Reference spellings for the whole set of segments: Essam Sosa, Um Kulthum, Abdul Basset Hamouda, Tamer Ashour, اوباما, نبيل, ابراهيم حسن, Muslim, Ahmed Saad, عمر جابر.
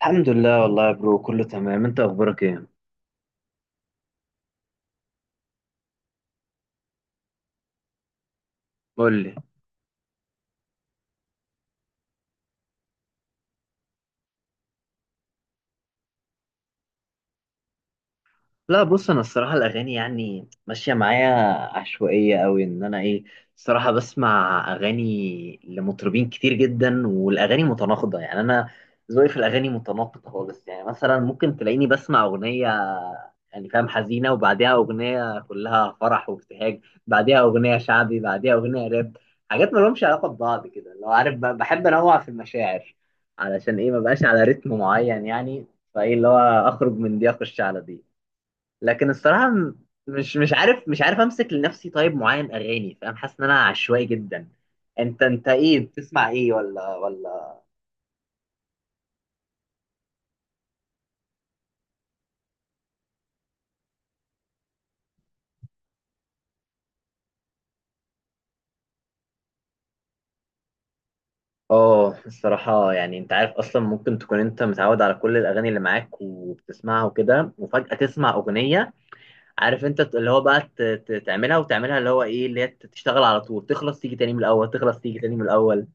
الحمد لله والله يا برو، كله تمام. انت اخبارك ايه؟ قول لي. لا، بص، انا الصراحه الاغاني يعني ماشيه معايا عشوائيه قوي. انا ايه الصراحه بسمع اغاني لمطربين كتير جدا، والاغاني متناقضه. يعني انا ذوقي في الاغاني متناقض خالص. يعني مثلا ممكن تلاقيني بسمع اغنيه يعني فاهم حزينه، وبعديها اغنيه كلها فرح وابتهاج، بعديها اغنيه شعبي، بعديها اغنيه راب. حاجات ما لهمش علاقه ببعض كده، لو عارف، بحب انوع في المشاعر. علشان ايه؟ ما بقاش على رتم معين يعني. فايه اللي هو اخرج من دي اخش على دي. لكن الصراحه مش عارف امسك لنفسي طيب معين اغاني، فاهم؟ حاسس ان انا عشوائي جدا. انت ايه بتسمع؟ ايه ولا؟ اه الصراحة يعني انت عارف، اصلا ممكن تكون انت متعود على كل الاغاني اللي معاك وبتسمعها وكده، وفجأة تسمع اغنية، عارف انت، اللي هو بقى تعملها وتعملها، اللي هو ايه، اللي هي تشتغل على طول تخلص تيجي تاني من الاول،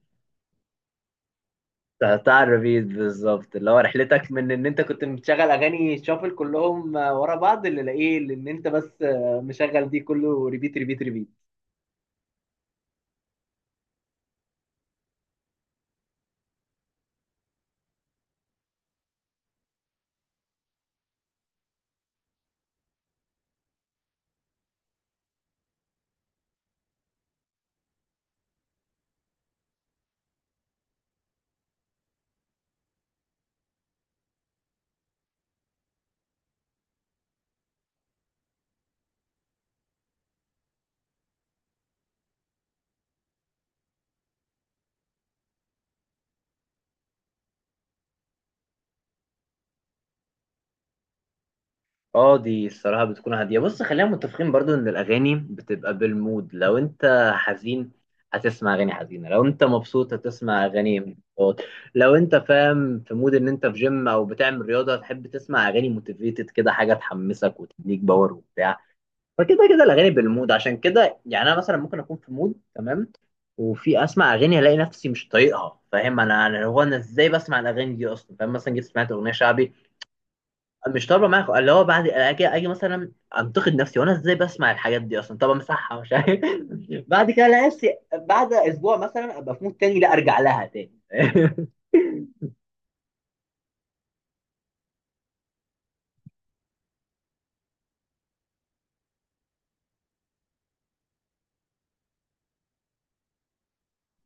بتاع الريبيت بالظبط. اللي هو رحلتك من ان انت كنت مشغل اغاني شافل كلهم ورا بعض اللي لاقيه، لان انت بس مشغل دي كله ريبيت ريبيت ريبيت. اه دي الصراحه بتكون هاديه. بص، خلينا متفقين برضو ان الاغاني بتبقى بالمود. لو انت حزين هتسمع اغاني حزينه، لو انت مبسوط هتسمع اغاني مبسوط، لو انت فاهم في مود ان انت في جيم او بتعمل رياضه هتحب تسمع اغاني موتيفيتد كده، حاجه تحمسك وتديك باور وبتاع. فكده كده الاغاني بالمود. عشان كده يعني انا مثلا ممكن اكون في مود تمام، وفي اسمع اغاني الاقي نفسي مش طايقها، فاهم؟ انا ازاي بسمع الاغاني دي اصلا؟ فاهم؟ مثلا جيت سمعت اغنيه شعبي مش طالبه معايا، اللي هو بعد اجي مثلا انتقد نفسي وانا ازاي بسمع الحاجات دي اصلا؟ طب امسحها؟ مش عارف. بعد كده الاقي نفسي بعد اسبوع مثلا ابقى في مود تاني، لا ارجع لها تاني.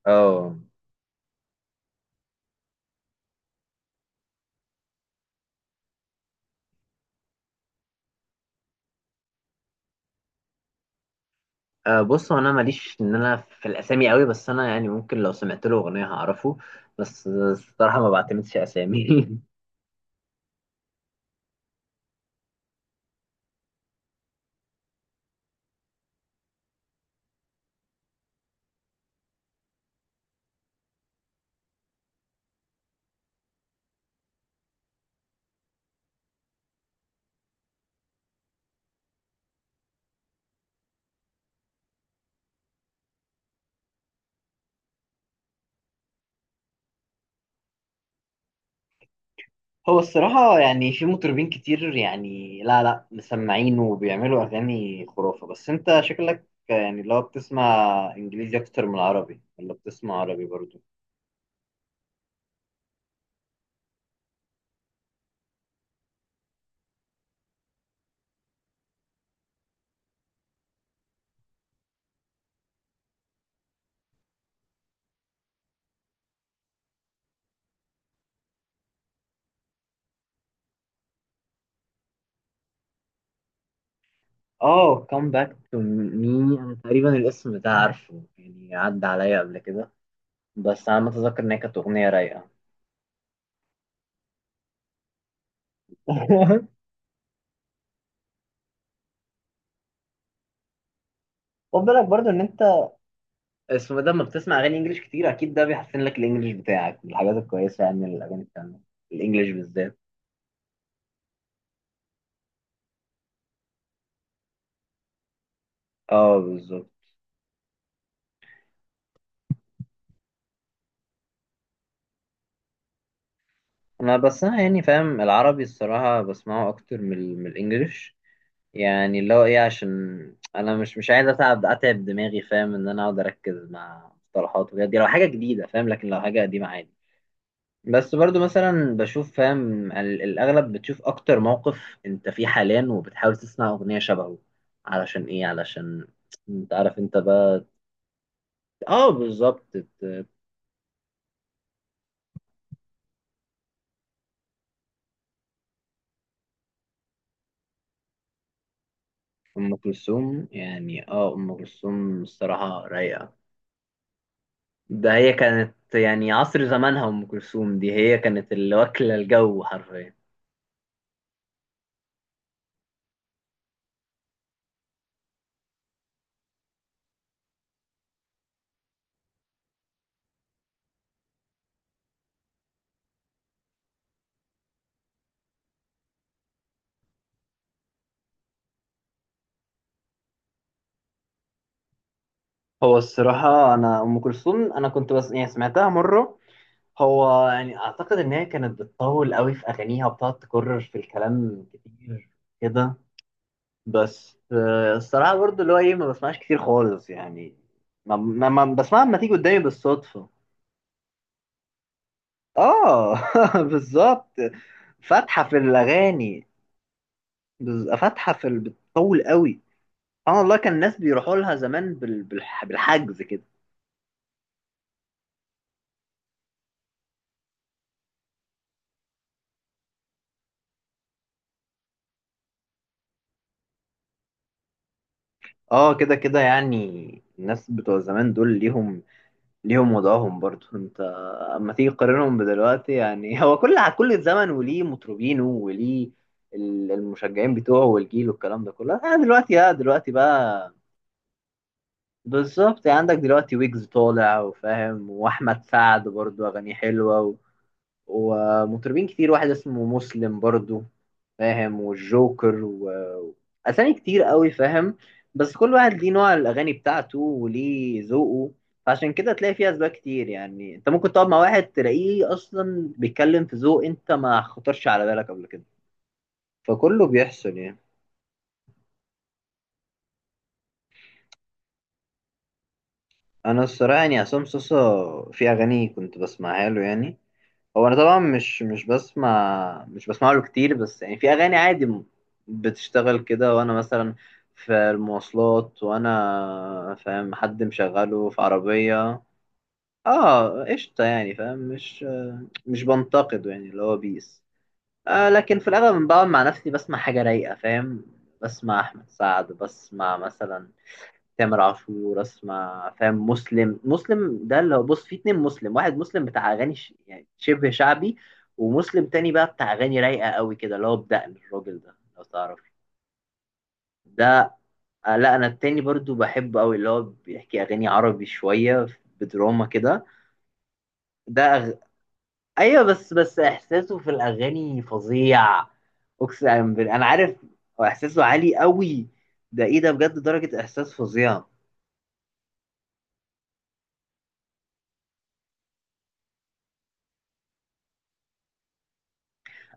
اه آه، بص، هو انا ماليش ان انا في الاسامي قوي، بس انا يعني ممكن لو سمعت له اغنيه هعرفه، بس الصراحه ما بعتمدش اسامي. هو الصراحة يعني في مطربين كتير يعني لا مسمعين وبيعملوا أغاني خرافة. بس أنت شكلك يعني لو بتسمع إنجليزي أكتر من عربي، ولا بتسمع عربي برضو؟ اه come back to me، أنا تقريبا الاسم ده عارفه، يعني عدى عليا قبل كده، بس أنا متذكر إن هي كانت أغنية رايقة. خد بالك برضو إن أنت اسمه ده، لما بتسمع أغاني إنجليش كتير أكيد ده بيحسن لك الإنجليش بتاعك. من الحاجات الكويسة يعني الأغاني التانية الإنجليش بالذات. اه بالظبط. انا بس انا يعني فاهم العربي الصراحه بسمعه اكتر من من الانجليش. يعني اللي هو ايه، عشان انا مش عايز اتعب دماغي، فاهم؟ ان انا اقعد اركز مع مصطلحات وكده، دي لو حاجه جديده فاهم، لكن لو حاجه قديمه عادي. بس برضو مثلا بشوف، فاهم، الاغلب بتشوف اكتر موقف انت فيه حاليا، وبتحاول تسمع اغنيه شبهه. علشان ايه؟ علشان انت عارف انت بقى. اه بالظبط. ام كلثوم، يعني اه ام كلثوم الصراحه رايقه. ده هي كانت يعني عصر زمانها، ام كلثوم دي هي كانت اللي واكله الجو حرفيا. هو الصراحة أنا أم كلثوم أنا كنت بس يعني سمعتها مرة. هو يعني أعتقد إن هي كانت بتطول قوي في أغانيها وبتقعد تكرر في الكلام كتير كده. بس آه، الصراحة برضو اللي هو إيه، ما بسمعش كتير خالص يعني، ما بسمعها لما تيجي قدامي بالصدفة. آه. بالظبط، فاتحة في الأغاني، فاتحة في بتطول قوي. اه والله كان الناس بيروحوا لها زمان بالحجز كده. اه كده كده يعني. الناس بتوع زمان دول ليهم وضعهم برضو. انت اما تيجي تقارنهم بدلوقتي يعني، هو كل زمن وليه مطربينه وليه المشجعين بتوعه والجيل والكلام ده كله. آه دلوقتي لا، دلوقتي بقى بالظبط، يعني عندك دلوقتي ويجز طالع وفاهم، واحمد سعد برضو اغانيه حلوه، ومطربين كتير، واحد اسمه مسلم برضو، فاهم، والجوكر و... أسامي كتير قوي، فاهم. بس كل واحد ليه نوع الأغاني بتاعته وليه ذوقه. فعشان كده تلاقي فيه أسباب كتير، يعني أنت ممكن تقعد مع واحد تلاقيه أصلا بيتكلم في ذوق أنت ما خطرش على بالك قبل كده. فكله بيحصل يعني. أنا الصراحة يعني عصام صوصة في أغاني كنت بسمعها له يعني، هو انا طبعا مش بسمع، مش بسمع له كتير، بس يعني في اغاني عادي بتشتغل كده وانا مثلا في المواصلات وانا فاهم حد مشغله في عربية. اه قشطة يعني، فاهم، مش بنتقده يعني، اللي هو بيس. آه، لكن في الاغلب بقعد مع نفسي بسمع حاجة رايقة، فاهم، بسمع احمد سعد، بسمع مثلا تامر عاشور، اسمع فاهم مسلم ده اللي هو، بص، في اتنين مسلم، واحد مسلم بتاع اغاني ش... يعني شبه شعبي، ومسلم تاني بقى بتاع اغاني رايقه قوي كده، اللي هو بدقن الراجل ده لو تعرف. ده آه، لا انا التاني برضو بحبه قوي، اللي هو بيحكي اغاني عربي شويه بدراما كده. ده أغ... ايوه، بس احساسه في الاغاني فظيع، اقسم بالله انا عارف. هو احساسه عالي قوي. ده ايه ده، بجد درجه احساس فظيعه.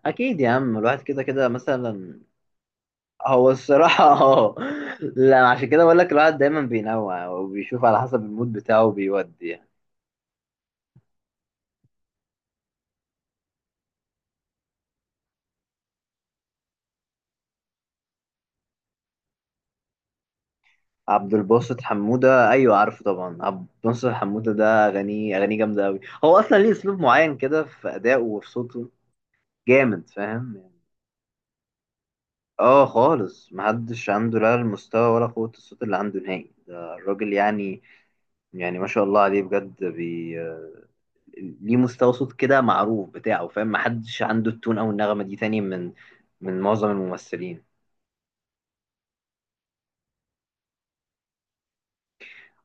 اكيد يا عم، الواحد كده كده مثلا. هو الصراحة اه. لا عشان كده بقول لك الواحد دايما بينوع وبيشوف على حسب المود بتاعه وبيودي يعني. عبد الباسط حمودة، أيوة عارفه طبعا. عبد الباسط حمودة ده أغانيه، جامدة أوي. هو أصلا ليه أسلوب معين كده في أدائه وفي صوته جامد، فاهم يعني. اه خالص، محدش عنده لا المستوى ولا قوة الصوت اللي عنده نهائي. ده الراجل يعني، يعني ما شاء الله عليه بجد. بي ليه مستوى صوت كده معروف بتاعه، فاهم، محدش عنده التون او النغمه دي تاني من من معظم الممثلين.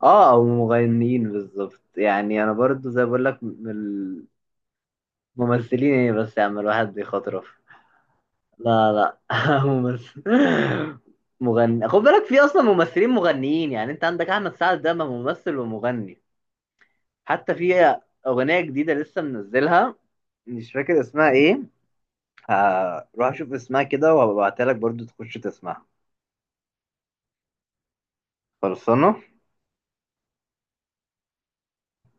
اه او المغنيين، بالظبط يعني. انا برضو زي بقول لك من الممثلين، ايه بس، يا عم الواحد بيخاطرف. لا لا ممثل، مغني. خد بالك في اصلا ممثلين مغنيين يعني. انت عندك احمد سعد ده ممثل ومغني. حتى في اغنيه جديده لسه منزلها، مش فاكر اسمها ايه، هروح اشوف اسمها كده وهبعتها لك برضو تخش تسمعها. خلصانة.